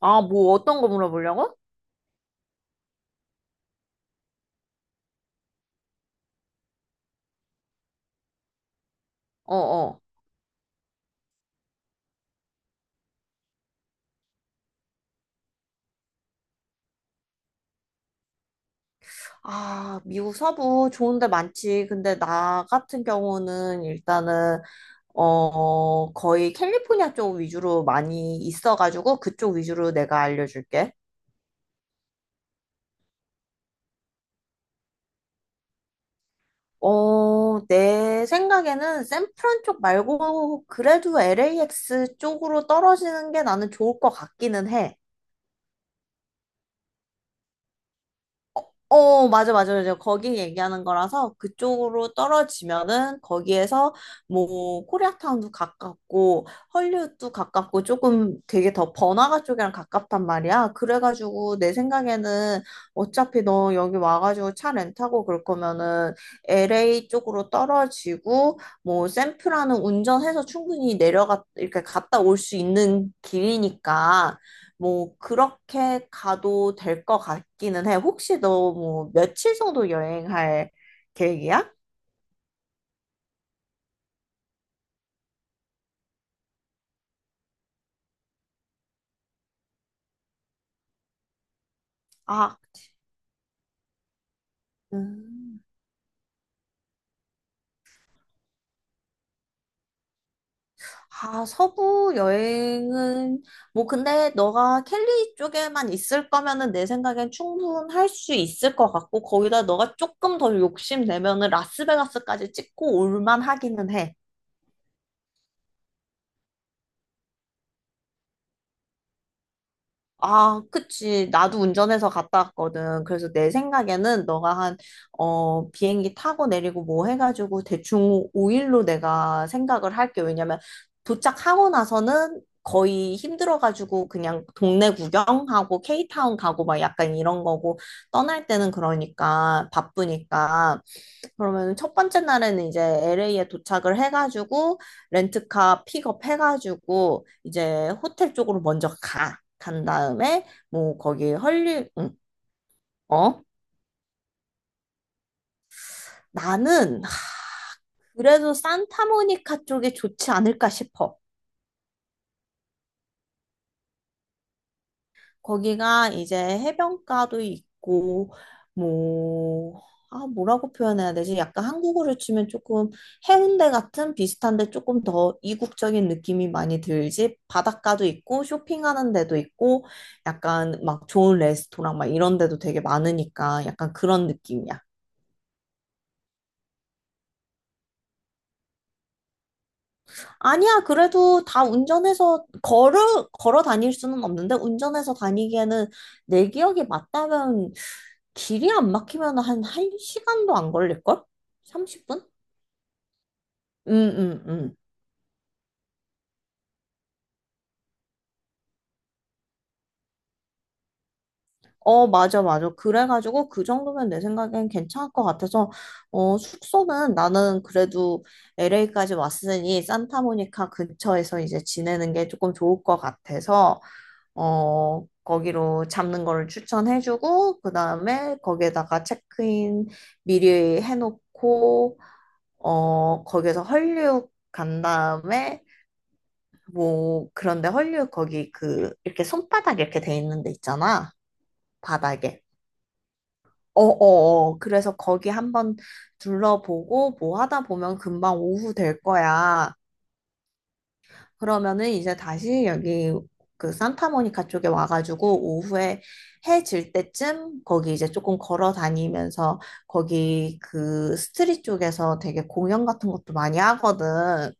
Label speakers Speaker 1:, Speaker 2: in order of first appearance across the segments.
Speaker 1: 아, 뭐 어떤 거 물어보려고? 어, 어. 아, 미국 서부 좋은 데 많지. 근데 나 같은 경우는 일단은 어, 거의 캘리포니아 쪽 위주로 많이 있어가지고 그쪽 위주로 내가 알려줄게. 어, 내 생각에는 샌프란 쪽 말고 그래도 LAX 쪽으로 떨어지는 게 나는 좋을 것 같기는 해. 어, 맞아, 맞아, 맞아. 거기 얘기하는 거라서 그쪽으로 떨어지면은 거기에서 뭐 코리아타운도 가깝고 헐리우드도 가깝고 조금 되게 더 번화가 쪽이랑 가깝단 말이야. 그래가지고 내 생각에는 어차피 너 여기 와가지고 차 렌트하고 그럴 거면은 LA 쪽으로 떨어지고 뭐 샌프란은 운전해서 충분히 내려가 이렇게 갔다 올 수 있는 길이니까 뭐 그렇게 가도 될 것 같기는 해. 혹시 너 뭐 며칠 정도 여행할 계획이야? 아, 음. 아, 서부 여행은 뭐 근데 너가 캘리 쪽에만 있을 거면은 내 생각엔 충분할 수 있을 것 같고 거기다 너가 조금 더 욕심 내면은 라스베가스까지 찍고 올만 하기는 해. 아, 그치. 나도 운전해서 갔다 왔거든. 그래서 내 생각에는 너가 한, 어, 비행기 타고 내리고 뭐 해가지고 대충 5일로 내가 생각을 할게. 왜냐면 도착하고 나서는 거의 힘들어가지고 그냥 동네 구경하고 K타운 가고 막 약간 이런 거고 떠날 때는 그러니까 바쁘니까. 그러면 첫 번째 날에는 이제 LA에 도착을 해가지고 렌트카 픽업해가지고 이제 호텔 쪽으로 먼저 가. 간 다음에 뭐 거기 헐리 응, 어? 나는 그래도 산타모니카 쪽이 좋지 않을까 싶어. 거기가 이제 해변가도 있고, 뭐, 아, 뭐라고 표현해야 되지? 약간 한국으로 치면 조금 해운대 같은 비슷한데 조금 더 이국적인 느낌이 많이 들지? 바닷가도 있고, 쇼핑하는 데도 있고, 약간 막 좋은 레스토랑 막 이런 데도 되게 많으니까 약간 그런 느낌이야. 아니야, 그래도 다 운전해서 걸어 다닐 수는 없는데, 운전해서 다니기에는 내 기억이 맞다면, 길이 안 막히면 한 1시간도 안 걸릴걸? 30분? 응, 응, 응. 어, 맞아, 맞아. 그래가지고 그 정도면 내 생각엔 괜찮을 것 같아서, 어, 숙소는 나는 그래도 LA까지 왔으니 산타모니카 근처에서 이제 지내는 게 조금 좋을 것 같아서, 어, 거기로 잡는 거를 추천해주고, 그 다음에 거기에다가 체크인 미리 해놓고, 어, 거기에서 헐리우드 간 다음에, 뭐, 그런데 헐리우드 거기 그, 이렇게 손바닥 이렇게 돼 있는 데 있잖아. 바닥에. 어어어. 그래서 거기 한번 둘러보고, 뭐 하다 보면 금방 오후 될 거야. 그러면은 이제 다시 여기 그 산타모니카 쪽에 와가지고 오후에 해질 때쯤 거기 이제 조금 걸어 다니면서 거기 그 스트릿 쪽에서 되게 공연 같은 것도 많이 하거든.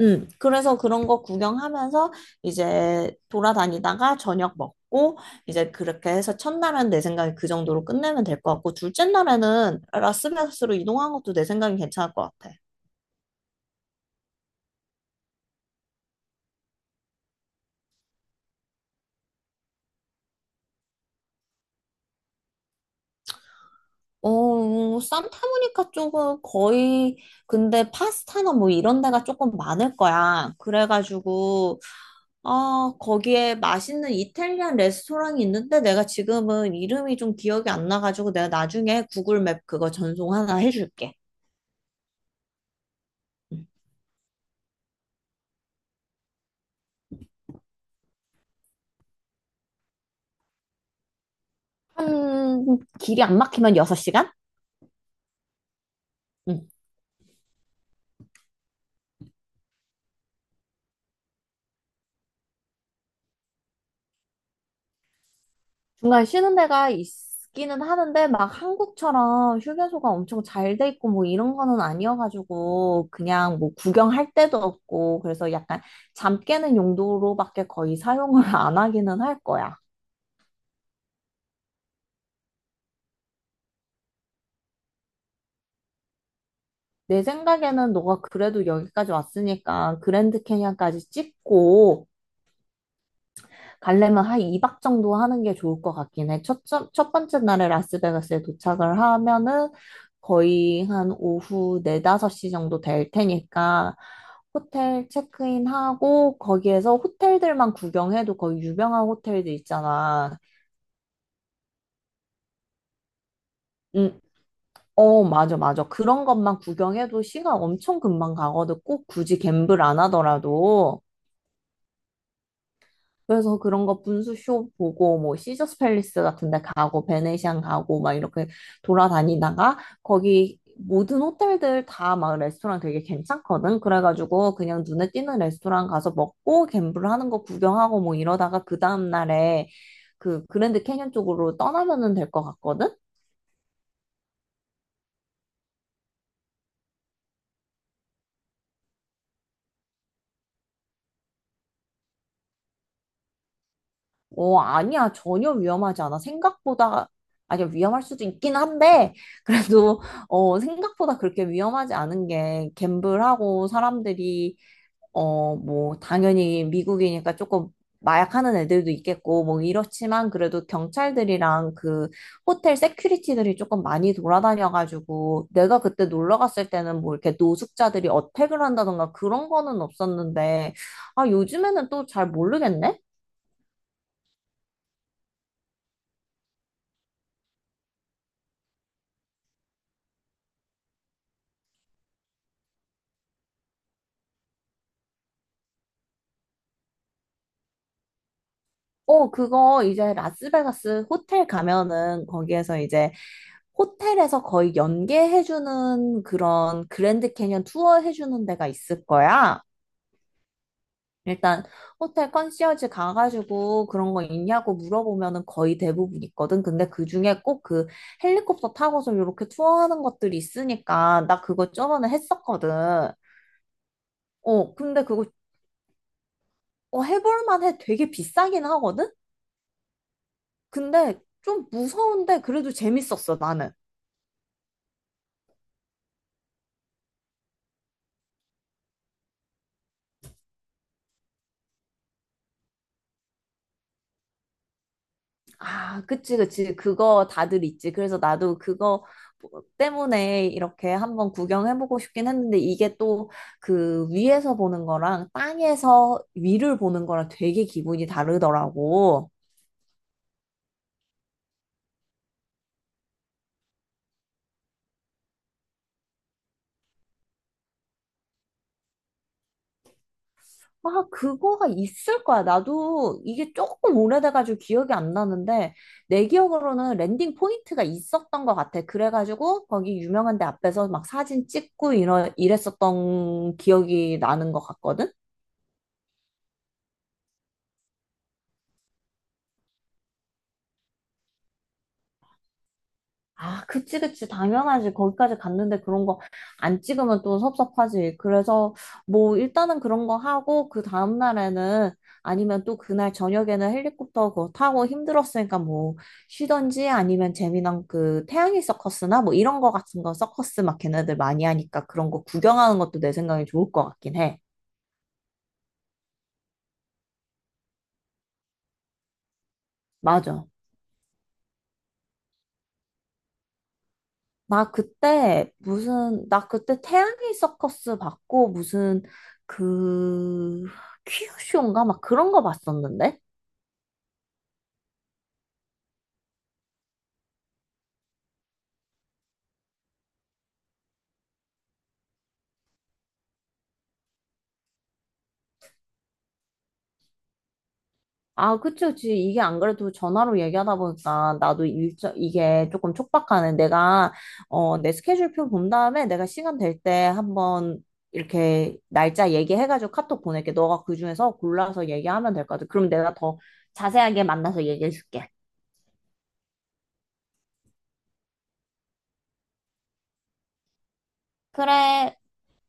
Speaker 1: 그래서 그런 거 구경하면서 이제 돌아다니다가 저녁 먹고 이제 그렇게 해서 첫날은 내 생각에 그 정도로 끝내면 될 것 같고 둘째 날에는 라스베가스로 이동한 것도 내 생각엔 괜찮을 것 같아. 어, 산타모니카 쪽은 거의, 근데 파스타나 뭐 이런 데가 조금 많을 거야. 그래가지고, 아, 거기에 맛있는 이탈리안 레스토랑이 있는데 내가 지금은 이름이 좀 기억이 안 나가지고 내가 나중에 구글 맵 그거 전송 하나 해줄게. 한, 길이 안 막히면 6시간? 중간에 쉬는 데가 있기는 하는데 막 한국처럼 휴게소가 엄청 잘 돼 있고 뭐 이런 거는 아니어가지고 그냥 뭐 구경할 데도 없고 그래서 약간 잠 깨는 용도로밖에 거의 사용을 안 하기는 할 거야. 내 생각에는 너가 그래도 여기까지 왔으니까 그랜드 캐니언까지 찍고 가려면 한 2박 정도 하는 게 좋을 것 같긴 해. 첫 번째 날에 라스베가스에 도착을 하면은 거의 한 오후 4, 5시 정도 될 테니까 호텔 체크인하고 거기에서 호텔들만 구경해도 거의 유명한 호텔들 있잖아. 음, 어, 맞아, 맞아. 그런 것만 구경해도 시간 엄청 금방 가거든. 꼭 굳이 갬블 안 하더라도. 그래서 그런 거 분수쇼 보고 뭐 시저스 팰리스 같은 데 가고 베네시안 가고 막 이렇게 돌아다니다가 거기 모든 호텔들 다 막 레스토랑 되게 괜찮거든. 그래가지고 그냥 눈에 띄는 레스토랑 가서 먹고 갬블 하는 거 구경하고 뭐 이러다가 그 다음 날에 그 그랜드 캐년 쪽으로 떠나면은 될 것 같거든. 어, 아니야. 전혀 위험하지 않아. 생각보다 아니야. 위험할 수도 있긴 한데 그래도 어, 생각보다 그렇게 위험하지 않은 게 갬블하고 사람들이 어, 뭐, 당연히 미국이니까 조금 마약하는 애들도 있겠고, 뭐, 이렇지만 그래도 경찰들이랑 그 호텔 세큐리티들이 조금 많이 돌아다녀가지고, 내가 그때 놀러 갔을 때는 뭐 이렇게 노숙자들이 어택을 한다던가 그런 거는 없었는데, 아, 요즘에는 또 잘 모르겠네? 어, 그거 이제 라스베가스 호텔 가면은 거기에서 이제 호텔에서 거의 연계해주는 그런 그랜드 캐니언 투어 해주는 데가 있을 거야. 일단 호텔 컨시어지 가가지고 그런 거 있냐고 물어보면은 거의 대부분 있거든. 근데 그중에 꼭 그 헬리콥터 타고서 이렇게 투어하는 것들이 있으니까 나 그거 저번에 했었거든. 어, 근데 그거 어, 해볼 만해. 되게 비싸긴 하거든. 근데 좀 무서운데 그래도 재밌었어, 나는. 아, 그치, 그치. 그거 다들 있지. 그래서 나도 그거 뭐 때문에 이렇게 한번 구경해보고 싶긴 했는데 이게 또 그 위에서 보는 거랑 땅에서 위를 보는 거랑 되게 기분이 다르더라고. 아, 그거가 있을 거야. 나도 이게 조금 오래돼가지고 기억이 안 나는데 내 기억으로는 랜딩 포인트가 있었던 것 같아. 그래가지고 거기 유명한 데 앞에서 막 사진 찍고 이랬었던 기억이 나는 것 같거든. 아, 그치, 그치. 당연하지. 거기까지 갔는데 그런 거 안 찍으면 또 섭섭하지. 그래서 뭐 일단은 그런 거 하고 그 다음 날에는 아니면 또 그날 저녁에는 헬리콥터 그거 타고 힘들었으니까 뭐 쉬던지 아니면 재미난 그 태양의 서커스나 뭐 이런 거 같은 거 서커스 막 걔네들 많이 하니까 그런 거 구경하는 것도 내 생각에 좋을 것 같긴 해. 맞아. 나 그때 태양의 서커스 봤고, 무슨, 그, 퀴즈쇼인가? 막 그런 거 봤었는데? 아, 그치, 그치. 이게 안 그래도 전화로 얘기하다 보니까 나도 일정, 이게 조금 촉박하네. 내가, 어, 내 스케줄표 본 다음에 내가 시간 될 때 한번 이렇게 날짜 얘기해가지고 카톡 보낼게. 너가 그 중에서 골라서 얘기하면 될 것 같아. 그럼 내가 더 자세하게 만나서 얘기해줄게. 그래.